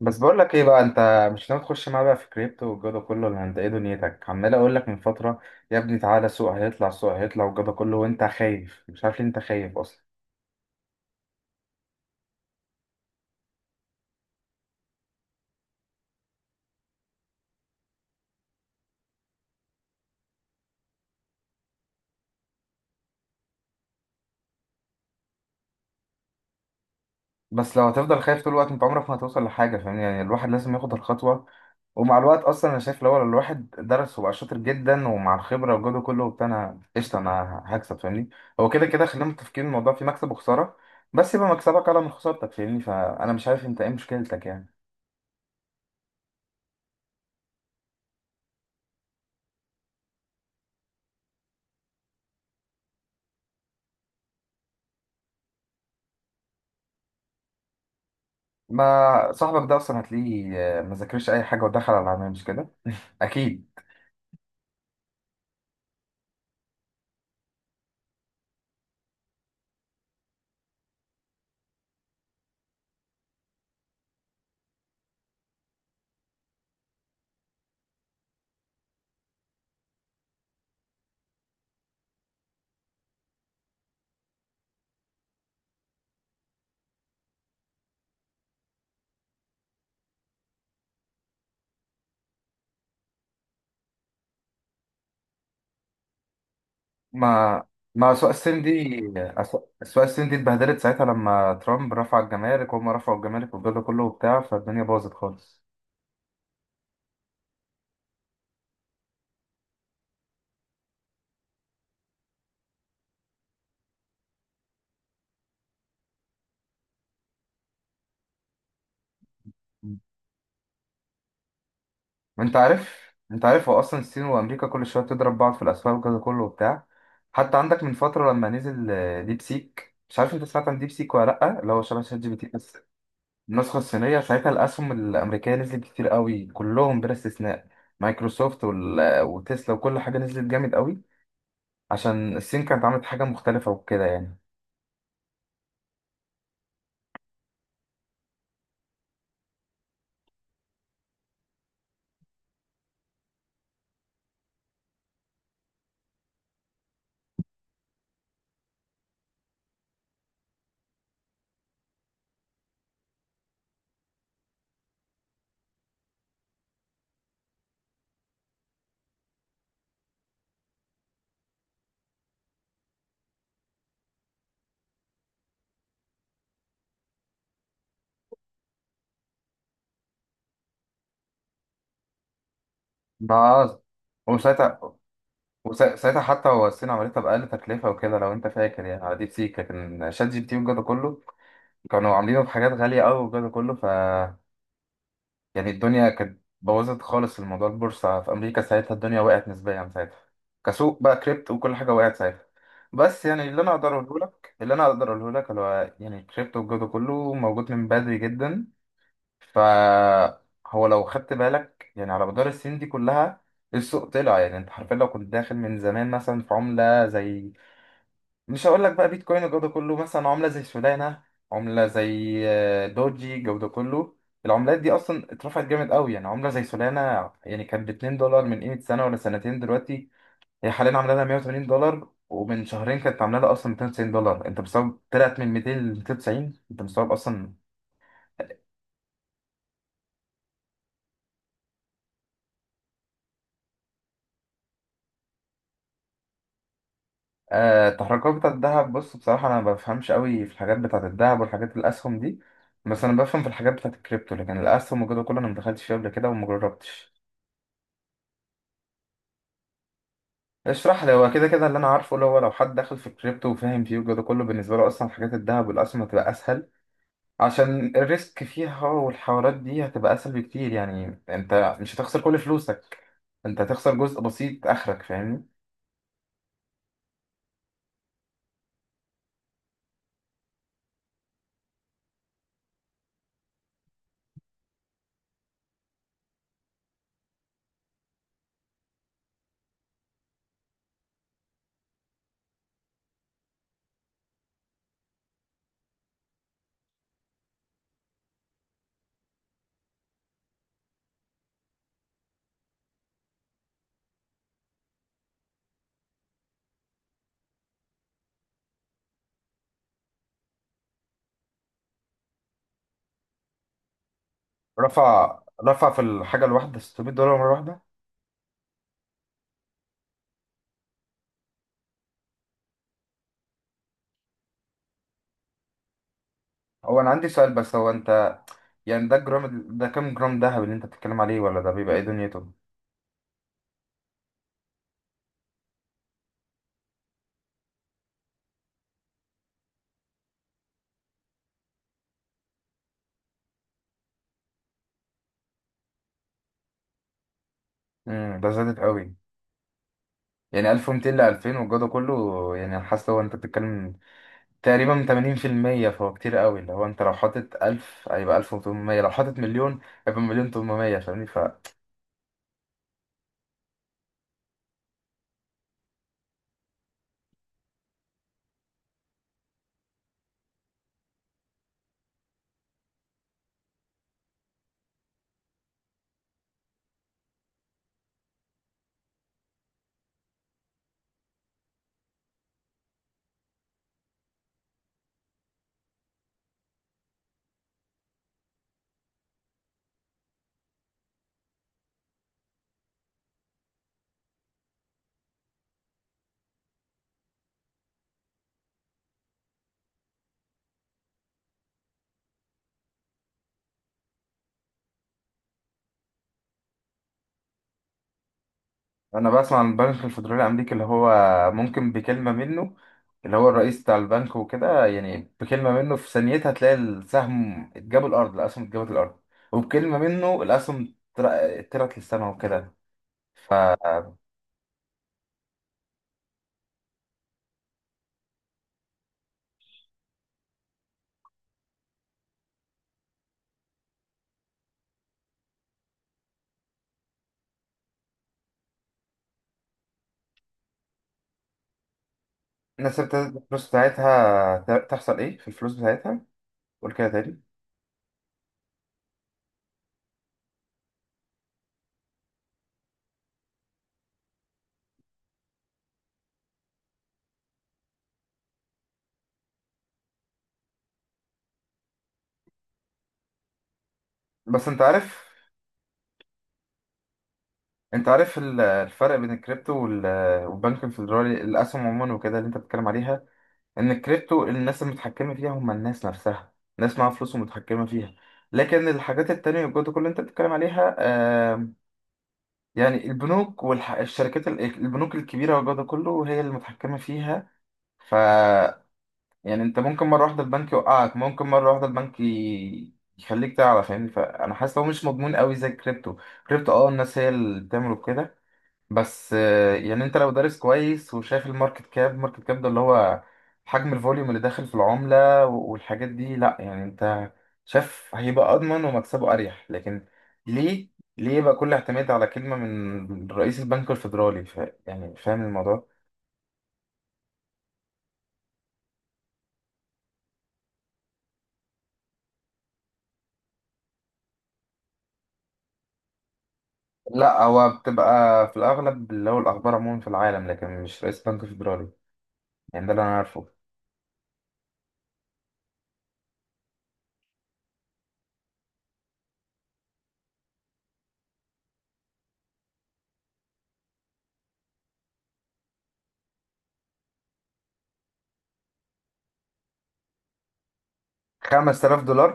بس بقول لك ايه بقى، انت مش ناوي تخش معايا بقى في كريبتو والجو ده كله، ولا انت ايه دنيتك؟ عمال اقول لك من فتره يا ابني، تعالى. السوق هيطلع، السوق هيطلع والجو ده كله وانت خايف، مش عارف ليه انت خايف اصلا. بس لو هتفضل خايف طول الوقت انت عمرك ما هتوصل لحاجه، فاهم؟ يعني الواحد لازم ياخد الخطوه. ومع الوقت اصلا انا شايف لو الواحد درس وبقى شاطر جدا ومع الخبره والجو ده كله وبتاع، انا قشطه، انا هكسب، فاهمني؟ هو كده كده خلينا متفقين، الموضوع فيه مكسب وخساره، بس يبقى مكسبك اعلى من خسارتك، فاهمني؟ فانا مش عارف انت ايه مشكلتك يعني. ما صاحبك ده اصلا هتلاقيه، ما ذاكرش اي حاجه ودخل على العناية، مش كده؟ اكيد. ما ما اسواق الصين دي، أسواق الصين دي اتبهدلت ساعتها لما ترامب رفع الجمارك وهم رفعوا الجمارك والجو ده كله وبتاع، فالدنيا باظت خالص. م. انت عارف، انت عارف هو اصلا الصين وامريكا كل شويه بتضرب بعض في الاسواق والجو ده كله وبتاع. حتى عندك من فتره لما نزل ديب سيك، مش عارف انت سمعت عن ديب سيك ولا لا؟ اللي هو شبه شات جي بي تي بس النسخة الصينية. ساعتها الأسهم الأمريكية نزلت كتير قوي، كلهم بلا استثناء، مايكروسوفت وتسلا وكل حاجة نزلت جامد قوي، عشان الصين كانت عملت حاجة مختلفة وكده يعني. ما وساعتها، حتى هو الصين عملتها بأقل تكلفة وكده، لو أنت فاكر يعني على ديب سيك، لكن شات جي بي تي والجو ده كله كانوا عاملينه بحاجات غالية أوي والجو ده كله. يعني الدنيا كانت بوظت خالص الموضوع، البورصة في أمريكا ساعتها الدنيا وقعت نسبيا ساعتها، كسوق بقى كريبتو وكل حاجة وقعت ساعتها. بس يعني اللي أنا أقدر أقوله لك اللي هو يعني الكريبتو والجو ده كله موجود من بدري جدا. فهو لو خدت بالك يعني على مدار السنين دي كلها، السوق طلع. يعني أنت حرفيا لو كنت داخل من زمان مثلا في عملة زي، مش هقول لك بقى بيتكوين والجو ده كله، مثلا عملة زي سولانا، عملة زي دوجي الجو ده كله، العملات دي اصلا اترفعت جامد قوي. يعني عملة زي سولانا يعني كانت ب 2 دولار من قيمة سنة ولا سنتين، دلوقتي هي حاليا عاملة لها 180 دولار، ومن شهرين كانت عاملة لها اصلا 290 دولار. انت مستوعب؟ طلعت من 200 ل 290، انت مستوعب اصلا؟ آه، التحركات بتاعت الذهب. بص بصراحة انا ما بفهمش قوي في الحاجات بتاعت الذهب والحاجات الاسهم دي، بس انا بفهم في الحاجات بتاعت الكريبتو. لكن الاسهم والجو ده كله انا ما دخلتش فيه قبل كده وما جربتش. اشرح لي. هو كده كده اللي انا عارفه اللي هو لو حد داخل في الكريبتو وفاهم فيه والجو ده كله، بالنسبه له اصلا حاجات الذهب والاسهم هتبقى اسهل، عشان الريسك فيها والحوارات دي هتبقى اسهل بكتير. يعني انت مش هتخسر كل فلوسك، انت هتخسر جزء بسيط اخرك، فاهمني؟ رفع في الحاجه الواحده 600 دولار مره واحده. هو انا عندي سؤال بس، هو انت يعني ده جرام؟ ده كام جرام دهب اللي انت بتتكلم عليه؟ ولا ده بيبقى ايه دنيته؟ ده زادت قوي يعني، 1200 ل 2000 والجو ده كله، يعني حاسس هو انت بتتكلم تقريبا 80%، فهو كتير قوي. اللي هو انت لو حاطط 1000 هيبقى 1800، لو حاطط مليون هيبقى مليون 800، فاهمني؟ فانا بسمع عن البنك الفيدرالي الامريكي، اللي هو ممكن بكلمة منه، اللي هو الرئيس بتاع البنك وكده يعني، بكلمة منه في ثانيتها تلاقي السهم اتجاب الارض، الاسهم اتجابت الارض، وبكلمة منه الاسهم طلعت للسما وكده. فالناس ابتدت الفلوس بتاعتها، تحصل ايه في الفلوس بتاعتها؟ قول كده تاني. بس انت عارف، انت عارف الفرق بين الكريبتو والبنك الفيدرالي، الاسهم عموما وكده اللي انت بتتكلم عليها، ان الكريبتو الناس المتحكمه فيها هم الناس نفسها، ناس معاها فلوس ومتحكمه فيها. لكن الحاجات التانية والجودة كل اللي انت بتتكلم عليها، آم، يعني البنوك والشركات، البنوك الكبيرة والجودة كله هي اللي متحكمة فيها. ف يعني انت ممكن مرة واحدة البنك يوقعك، ممكن مرة واحدة البنك يخليك تعلى، فاهمني؟ فانا حاسس لو مش مضمون قوي زي الكريبتو. كريبتو اه الناس هي اللي بتعمله كده. بس يعني انت لو دارس كويس وشايف الماركت كاب، الماركت كاب ده اللي هو حجم الفوليوم اللي داخل في العملة والحاجات دي، لا يعني انت شايف هيبقى اضمن ومكسبه اريح. لكن ليه ليه يبقى كل اعتماد على كلمة من رئيس البنك الفيدرالي؟ يعني فاهم الموضوع. لا، هو بتبقى في الاغلب اللي هو الاخبار عموما في العالم، لكن مش رئيس البنك الفيدرالي، يعني ده اللي انا عارفه. 5000 دولار؟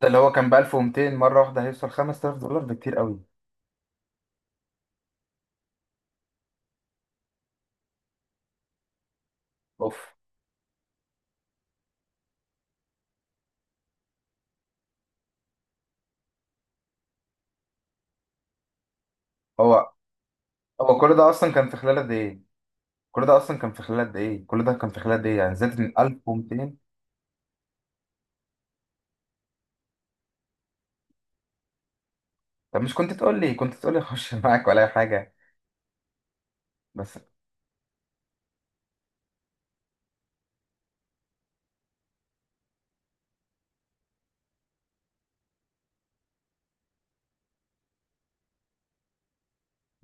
ده اللي هو كان ب 1200، مرة واحدة هيوصل 5000 دولار؟ بكتير قوي. اوف. هو هو كل ده كان في خلال قد ايه؟ يعني زادت من 1200. طب مش كنت تقول لي اخش معاك ولا اي حاجه؟ بس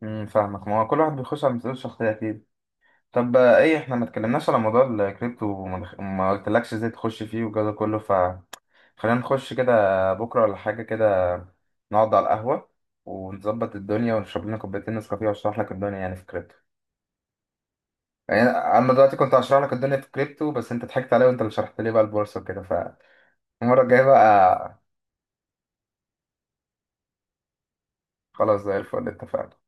فاهمك. ما هو كل واحد بيخش على مسؤوليته الشخصيه اكيد. طب ايه احنا ما اتكلمناش على موضوع الكريبتو، ما قلتلكش ازاي تخش فيه والجو ده كله، فخلينا نخش كده بكره ولا حاجه كده، نقعد على القهوه ونظبط الدنيا ونشرب لنا كوبايتين نسكافيه واشرح لك الدنيا يعني في كريبتو. يعني انا دلوقتي كنت هشرح لك الدنيا في كريبتو بس انت ضحكت عليا وانت اللي شرحت لي بقى البورصه وكده. المرة الجاية بقى. خلاص، زي الفل، اتفقنا.